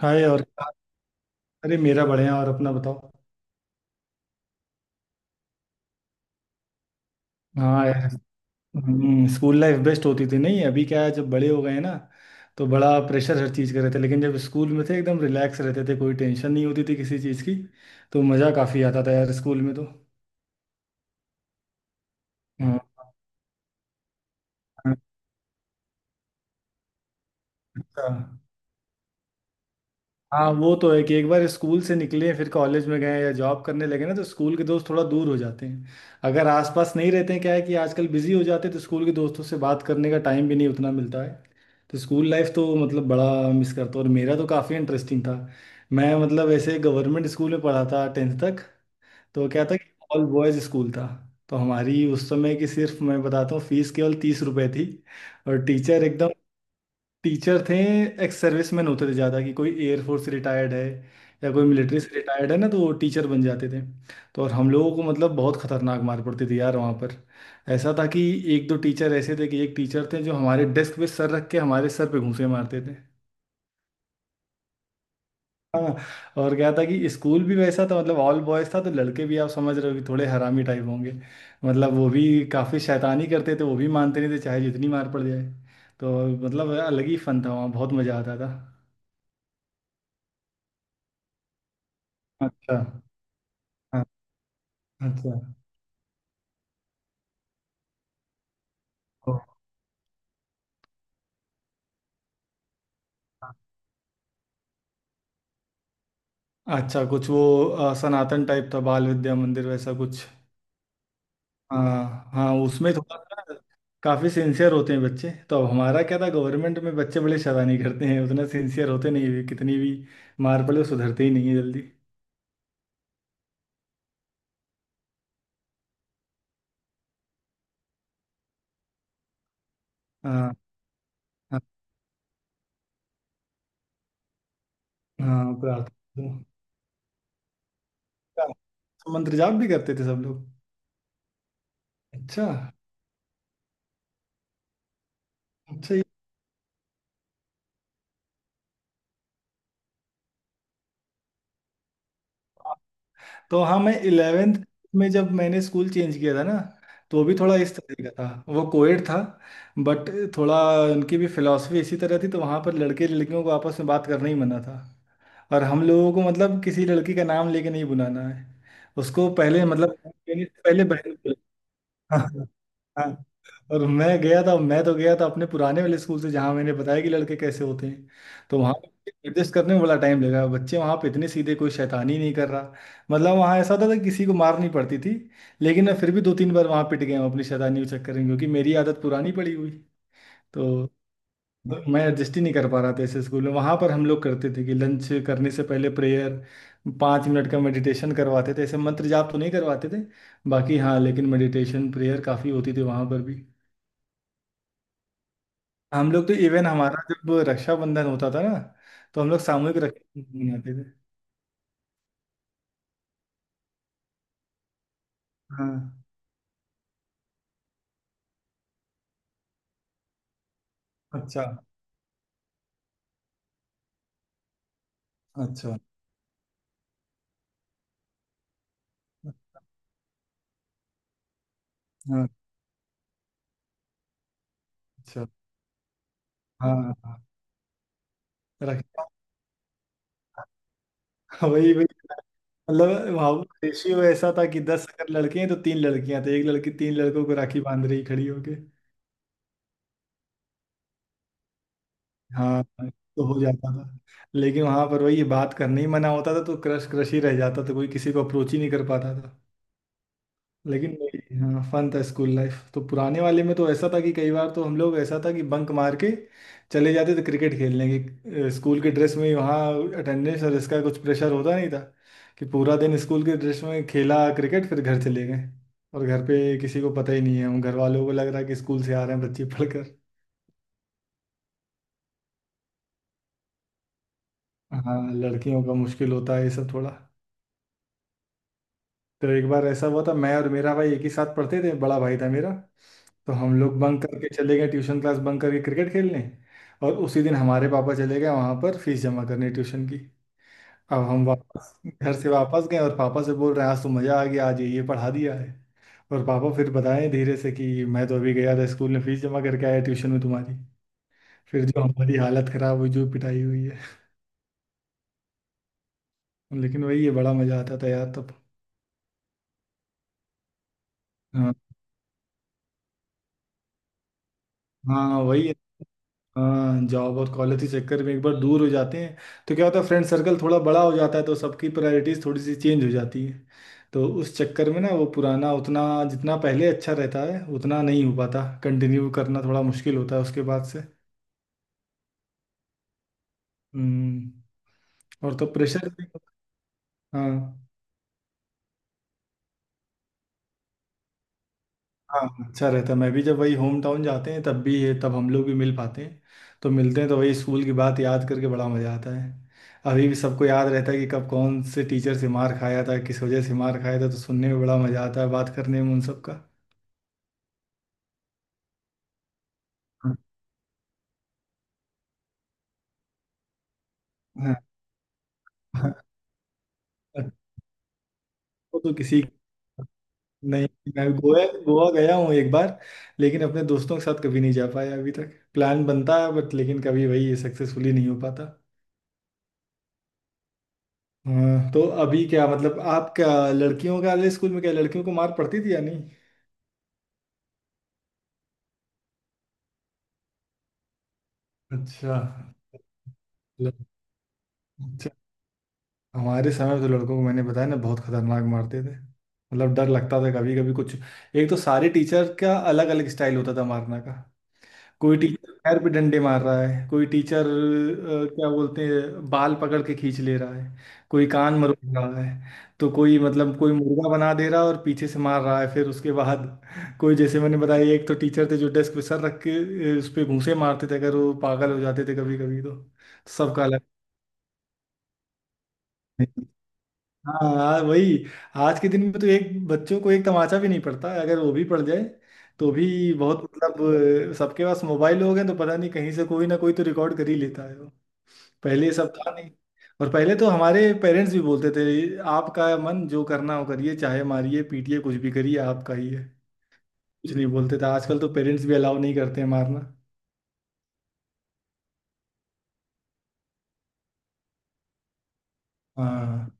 हाय। और अरे, मेरा बढ़िया, और अपना बताओ। हाँ यार। स्कूल लाइफ बेस्ट होती थी। नहीं अभी क्या है, जब बड़े हो गए हैं ना तो बड़ा प्रेशर हर चीज़ का रहता है, लेकिन जब स्कूल में थे एकदम रिलैक्स रहते थे, कोई टेंशन नहीं होती थी किसी चीज़ की। तो मज़ा काफ़ी आता था यार स्कूल में तो। हाँ हाँ, अच्छा। हाँ वो तो है कि एक बार स्कूल से निकले फिर कॉलेज में गए या जॉब करने लगे ना तो स्कूल के दोस्त थोड़ा दूर हो जाते हैं, अगर आसपास नहीं रहते हैं। क्या है कि आजकल बिजी हो जाते हैं तो स्कूल के दोस्तों से बात करने का टाइम भी नहीं उतना मिलता है। तो स्कूल लाइफ तो मतलब बड़ा मिस करता हूँ, और मेरा तो काफ़ी इंटरेस्टिंग था। मैं मतलब ऐसे गवर्नमेंट स्कूल में पढ़ा था टेंथ तक। तो क्या था कि ऑल बॉयज़ स्कूल था, तो हमारी उस समय की सिर्फ मैं बताता हूँ, फीस केवल 30 रुपये थी। और टीचर एकदम टीचर थे, एक्स सर्विस मैन होते थे ज़्यादा, कि कोई एयरफोर्स से रिटायर्ड है या कोई मिलिट्री से रिटायर्ड है ना तो वो टीचर बन जाते थे। तो और हम लोगों को मतलब बहुत खतरनाक मार पड़ती थी यार वहाँ पर। ऐसा था कि एक दो टीचर ऐसे थे, कि एक टीचर थे जो हमारे डेस्क पे सर रख के हमारे सर पे घूंसे मारते थे। हाँ। और क्या था कि स्कूल भी वैसा था, मतलब ऑल बॉयज था, तो लड़के भी आप समझ रहे हो कि थोड़े हरामी टाइप होंगे। मतलब वो भी काफ़ी शैतानी करते थे, वो भी मानते नहीं थे चाहे जितनी मार पड़ जाए। तो मतलब अलग ही फन था वहाँ, बहुत मज़ा आता था। अच्छा। हाँ, अच्छा। ओ, अच्छा कुछ वो, सनातन टाइप था, बाल विद्या मंदिर वैसा कुछ। हाँ हाँ उसमें थोड़ा सा काफी सिंसियर होते हैं बच्चे। तो अब हमारा क्या था, गवर्नमेंट में बच्चे बड़े शैतानी करते हैं, उतना सिंसियर होते नहीं है, कितनी भी मार पड़े वो सुधरते ही नहीं है जल्दी। हाँ। हाँ हाँ, प्रार्थना। मंत्र जाप भी करते थे सब लोग? अच्छा। अच्छा ये तो। हाँ मैं इलेवेंथ में जब मैंने स्कूल चेंज किया था ना, तो भी थोड़ा इस तरह का था, वो कोएड था बट, थोड़ा उनकी भी फिलॉसफी इसी तरह थी, तो वहाँ पर लड़के लड़कियों को आपस में बात करना ही मना था। और हम लोगों को मतलब किसी लड़की का नाम लेके नहीं बुलाना है, उसको पहले मतलब, पहले बहन बुलाना। हाँ। हाँ। और मैं गया था, मैं तो गया था अपने पुराने वाले स्कूल से जहाँ मैंने बताया कि लड़के कैसे होते हैं, तो वहाँ एडजस्ट करने में बड़ा टाइम लगा। बच्चे वहाँ पे इतने सीधे, कोई शैतानी नहीं कर रहा। मतलब वहाँ ऐसा होता था कि किसी को मार नहीं पड़ती थी, लेकिन मैं फिर भी दो तीन बार वहाँ पिट गया हूँ अपनी शैतानी के चक्कर में, क्योंकि मेरी आदत पुरानी पड़ी हुई। तो मतलब मैं एडजस्ट ही नहीं कर पा रहा था ऐसे स्कूल में। वहाँ पर हम लोग करते थे कि लंच करने से पहले प्रेयर, 5 मिनट का मेडिटेशन करवाते थे। ऐसे मंत्र जाप तो नहीं करवाते थे बाकी, हाँ लेकिन मेडिटेशन प्रेयर काफ़ी होती थी वहाँ पर भी। हम लोग तो इवन हमारा जब रक्षाबंधन होता था ना तो हम लोग सामूहिक रक्षाबंधन मनाते थे। हाँ। अच्छा। अच्छा। हाँ। अच्छा। हाँ हाँ, रक्षा। वही वही। मतलब वहाँ रेशियो ऐसा था कि 10 अगर लड़के हैं तो तीन लड़कियां थी, एक लड़की तीन लड़कों को राखी बांध रही खड़ी होके। हाँ, तो हो जाता था। लेकिन वहां पर वही बात करने ही मना होता था, तो क्रश क्रश ही रह जाता था, कोई किसी को अप्रोच ही नहीं कर पाता था। लेकिन नहीं, हाँ फन था स्कूल लाइफ तो। पुराने वाले में तो ऐसा था कि कई बार तो हम लोग, ऐसा था कि बंक मार के चले जाते थे क्रिकेट खेलने की स्कूल के ड्रेस में ही। वहाँ अटेंडेंस और इसका कुछ प्रेशर होता नहीं था, कि पूरा दिन स्कूल के ड्रेस में खेला क्रिकेट फिर घर चले गए, और घर पे किसी को पता ही नहीं है। हम घर वालों को लग रहा है कि स्कूल से आ रहे हैं बच्चे पढ़कर। हाँ, लड़कियों का मुश्किल होता है ये सब थोड़ा। तो एक बार ऐसा हुआ था, मैं और मेरा भाई एक ही साथ पढ़ते थे, बड़ा भाई था मेरा। तो हम लोग बंक करके चले गए, ट्यूशन क्लास बंक करके क्रिकेट खेलने, और उसी दिन हमारे पापा चले गए वहां पर फीस जमा करने ट्यूशन की। अब हम वापस घर से वापस गए, और पापा से बोल रहे हैं आज तो मज़ा आ गया, आज ये पढ़ा दिया है। और पापा फिर बताएं धीरे से कि मैं तो अभी गया था स्कूल में फीस जमा करके आया ट्यूशन में तुम्हारी। फिर जो हमारी हालत खराब हुई, जो पिटाई हुई है। लेकिन वही है, बड़ा मज़ा आता था यार तब। हाँ। हाँ वही है। हाँ जॉब और कॉलेज के चक्कर में एक बार दूर हो जाते हैं, तो क्या होता है फ्रेंड सर्कल थोड़ा बड़ा हो जाता है, तो सबकी प्रायोरिटीज थोड़ी सी चेंज हो जाती है। तो उस चक्कर में ना, वो पुराना उतना जितना पहले अच्छा रहता है उतना नहीं हो पाता, कंटिन्यू करना थोड़ा मुश्किल होता है उसके बाद से। हम्म। और तो प्रेशर भी। हाँ। हाँ अच्छा रहता है। मैं भी जब वही होम टाउन जाते हैं तब भी है, तब हम लोग भी मिल पाते हैं। तो मिलते हैं तो वही स्कूल की बात याद करके बड़ा मज़ा आता है। अभी भी सबको याद रहता है कि कब कौन से टीचर से मार खाया था, किस वजह से मार खाया था, तो सुनने में बड़ा मज़ा आता है बात करने में उन सब का। हाँ। हाँ। वो तो किसी, नहीं मैं गोवा, गोवा गया हूँ एक बार, लेकिन अपने दोस्तों के साथ कभी नहीं जा पाया। अभी तक प्लान बनता है बट, लेकिन कभी वही सक्सेसफुली नहीं हो पाता। हाँ तो अभी क्या मतलब, आप क्या लड़कियों का वाले स्कूल में क्या लड़कियों को मार पड़ती थी या नहीं? अच्छा। ल- अच्छा, हमारे समय में तो लड़कों को मैंने बताया ना बहुत खतरनाक मारते थे, मतलब डर लगता था कभी कभी कुछ। एक तो सारे टीचर का अलग अलग स्टाइल होता था मारने का। कोई टीचर पैर पे डंडे मार रहा है, कोई टीचर क्या बोलते हैं बाल पकड़ के खींच ले रहा है, कोई कान मरोड़ रहा है। तो कोई मतलब कोई मुर्गा बना दे रहा है और पीछे से मार रहा है। फिर उसके बाद कोई, जैसे मैंने बताया, एक तो टीचर थे जो डेस्क पे सर रख के उस पे घूंसे मारते थे, अगर वो पागल हो जाते थे कभी कभी तो। सबका अलग। हाँ यार, वही। आज के दिन में तो एक बच्चों को एक तमाचा भी नहीं पड़ता, अगर वो भी पड़ जाए तो भी बहुत, मतलब सबके पास मोबाइल हो गए तो पता नहीं कहीं से कोई ना कोई तो रिकॉर्ड कर ही लेता है वो। पहले ये सब था नहीं। और पहले तो हमारे पेरेंट्स भी बोलते थे आपका मन जो करना हो करिए, चाहे मारिए पीटिए कुछ भी करिए, आपका ही है। कुछ नहीं बोलते थे। आजकल तो पेरेंट्स भी अलाउ नहीं करते हैं मारना। हाँ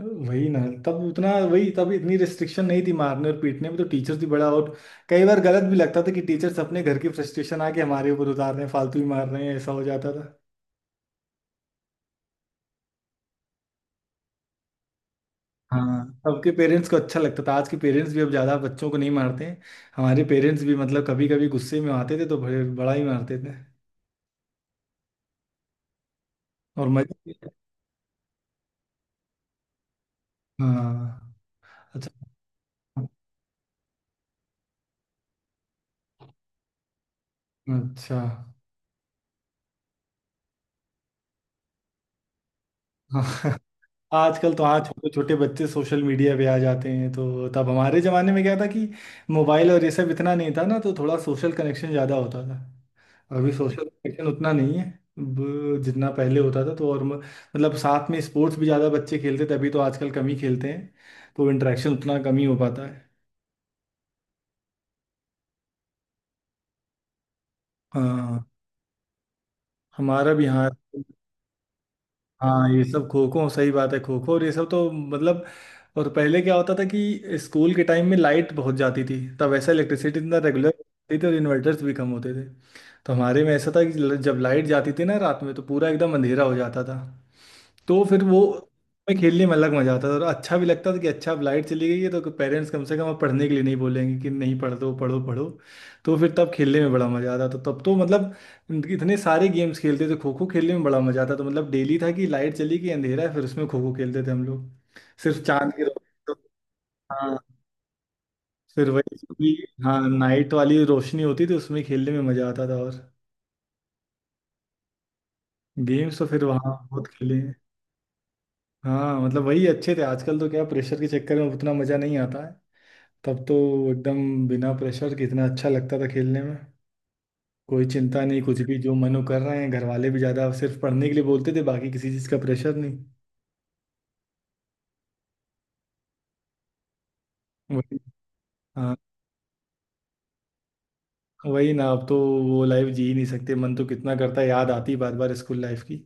वही ना, तब उतना वही, तब इतनी रिस्ट्रिक्शन नहीं थी मारने और पीटने में, तो टीचर्स भी बड़ा, और कई बार गलत भी लगता था कि टीचर्स अपने घर की फ्रस्ट्रेशन आके हमारे ऊपर उतार रहे हैं, फालतू ही मार रहे हैं, ऐसा हो जाता था। हाँ सबके पेरेंट्स को अच्छा लगता था, आज के पेरेंट्स भी अब ज्यादा बच्चों को नहीं मारते हैं। हमारे पेरेंट्स भी मतलब कभी कभी गुस्से में आते थे तो बड़े, बड़ा ही मारते थे। और मजा। हाँ। अच्छा। अच्छा। हाँ। आजकल तो हाँ छोटे छोटे बच्चे सोशल मीडिया पे आ जाते हैं, तो तब हमारे जमाने में क्या था कि मोबाइल और ये सब इतना नहीं था ना, तो थोड़ा सोशल कनेक्शन ज्यादा होता था। अभी सोशल कनेक्शन उतना नहीं है जितना पहले होता था, तो और मतलब साथ में स्पोर्ट्स भी ज्यादा बच्चे खेलते थे, अभी तो आजकल कम ही खेलते हैं, तो इंटरेक्शन उतना कम ही हो पाता है। हाँ। हमारा भी हाँ। हाँ ये सब खो खो सही बात है, खो खो और ये सब तो मतलब। और पहले क्या होता था कि स्कूल के टाइम में लाइट बहुत जाती थी, तब ऐसा इलेक्ट्रिसिटी इतना रेगुलर होती थी, और इन्वर्टर्स भी कम होते थे। तो हमारे में ऐसा था कि जब लाइट जाती थी ना रात में तो पूरा एकदम अंधेरा हो जाता था। तो फिर वो में खेलने में अलग मजा आता था, और अच्छा भी लगता था कि अच्छा अब लाइट चली गई है तो पेरेंट्स कम से कम अब पढ़ने के लिए नहीं बोलेंगे कि नहीं पढ़, दो पढ़ो पढ़ो। तो फिर तब खेलने में बड़ा मजा आता था तब तो मतलब, इतने सारे गेम्स खेलते थे, खो खो खेलने में बड़ा मजा आता था, मतलब डेली था कि लाइट चली गई अंधेरा है फिर उसमें खो खो खेलते थे हम लोग। सिर्फ चांद की रोशनी तो। हाँ फिर वही पूरी, हाँ नाइट वाली रोशनी होती थी उसमें खेलने में मजा आता था। और गेम्स तो फिर वहाँ बहुत खेले हैं। हाँ मतलब वही अच्छे थे, आजकल तो क्या प्रेशर के चक्कर में उतना मजा नहीं आता है। तब तो एकदम बिना प्रेशर कितना अच्छा लगता था खेलने में, कोई चिंता नहीं कुछ भी जो मनो कर रहे हैं, घर वाले भी ज्यादा सिर्फ पढ़ने के लिए बोलते थे, बाकी किसी चीज का प्रेशर नहीं। वही। हाँ। वही ना अब तो वो लाइफ जी ही नहीं सकते, मन तो कितना करता है, याद आती बार बार स्कूल लाइफ की।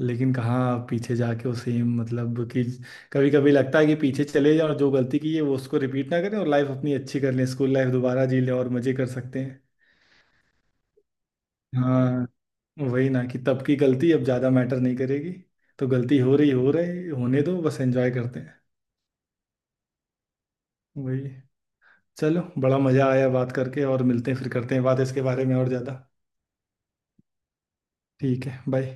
लेकिन कहाँ पीछे जाके वो सेम, मतलब कि कभी कभी लगता है कि पीछे चले जाए और जो गलती की है वो उसको रिपीट ना करें, और लाइफ अपनी अच्छी कर लें, स्कूल लाइफ दोबारा जी लें और मजे कर सकते हैं। हाँ वही ना कि तब की गलती अब ज़्यादा मैटर नहीं करेगी, तो गलती हो रही, हो रही, होने दो बस एंजॉय करते हैं। वही। चलो बड़ा मज़ा आया बात करके, और मिलते हैं फिर, करते हैं बात इसके बारे में और ज़्यादा। ठीक है बाय।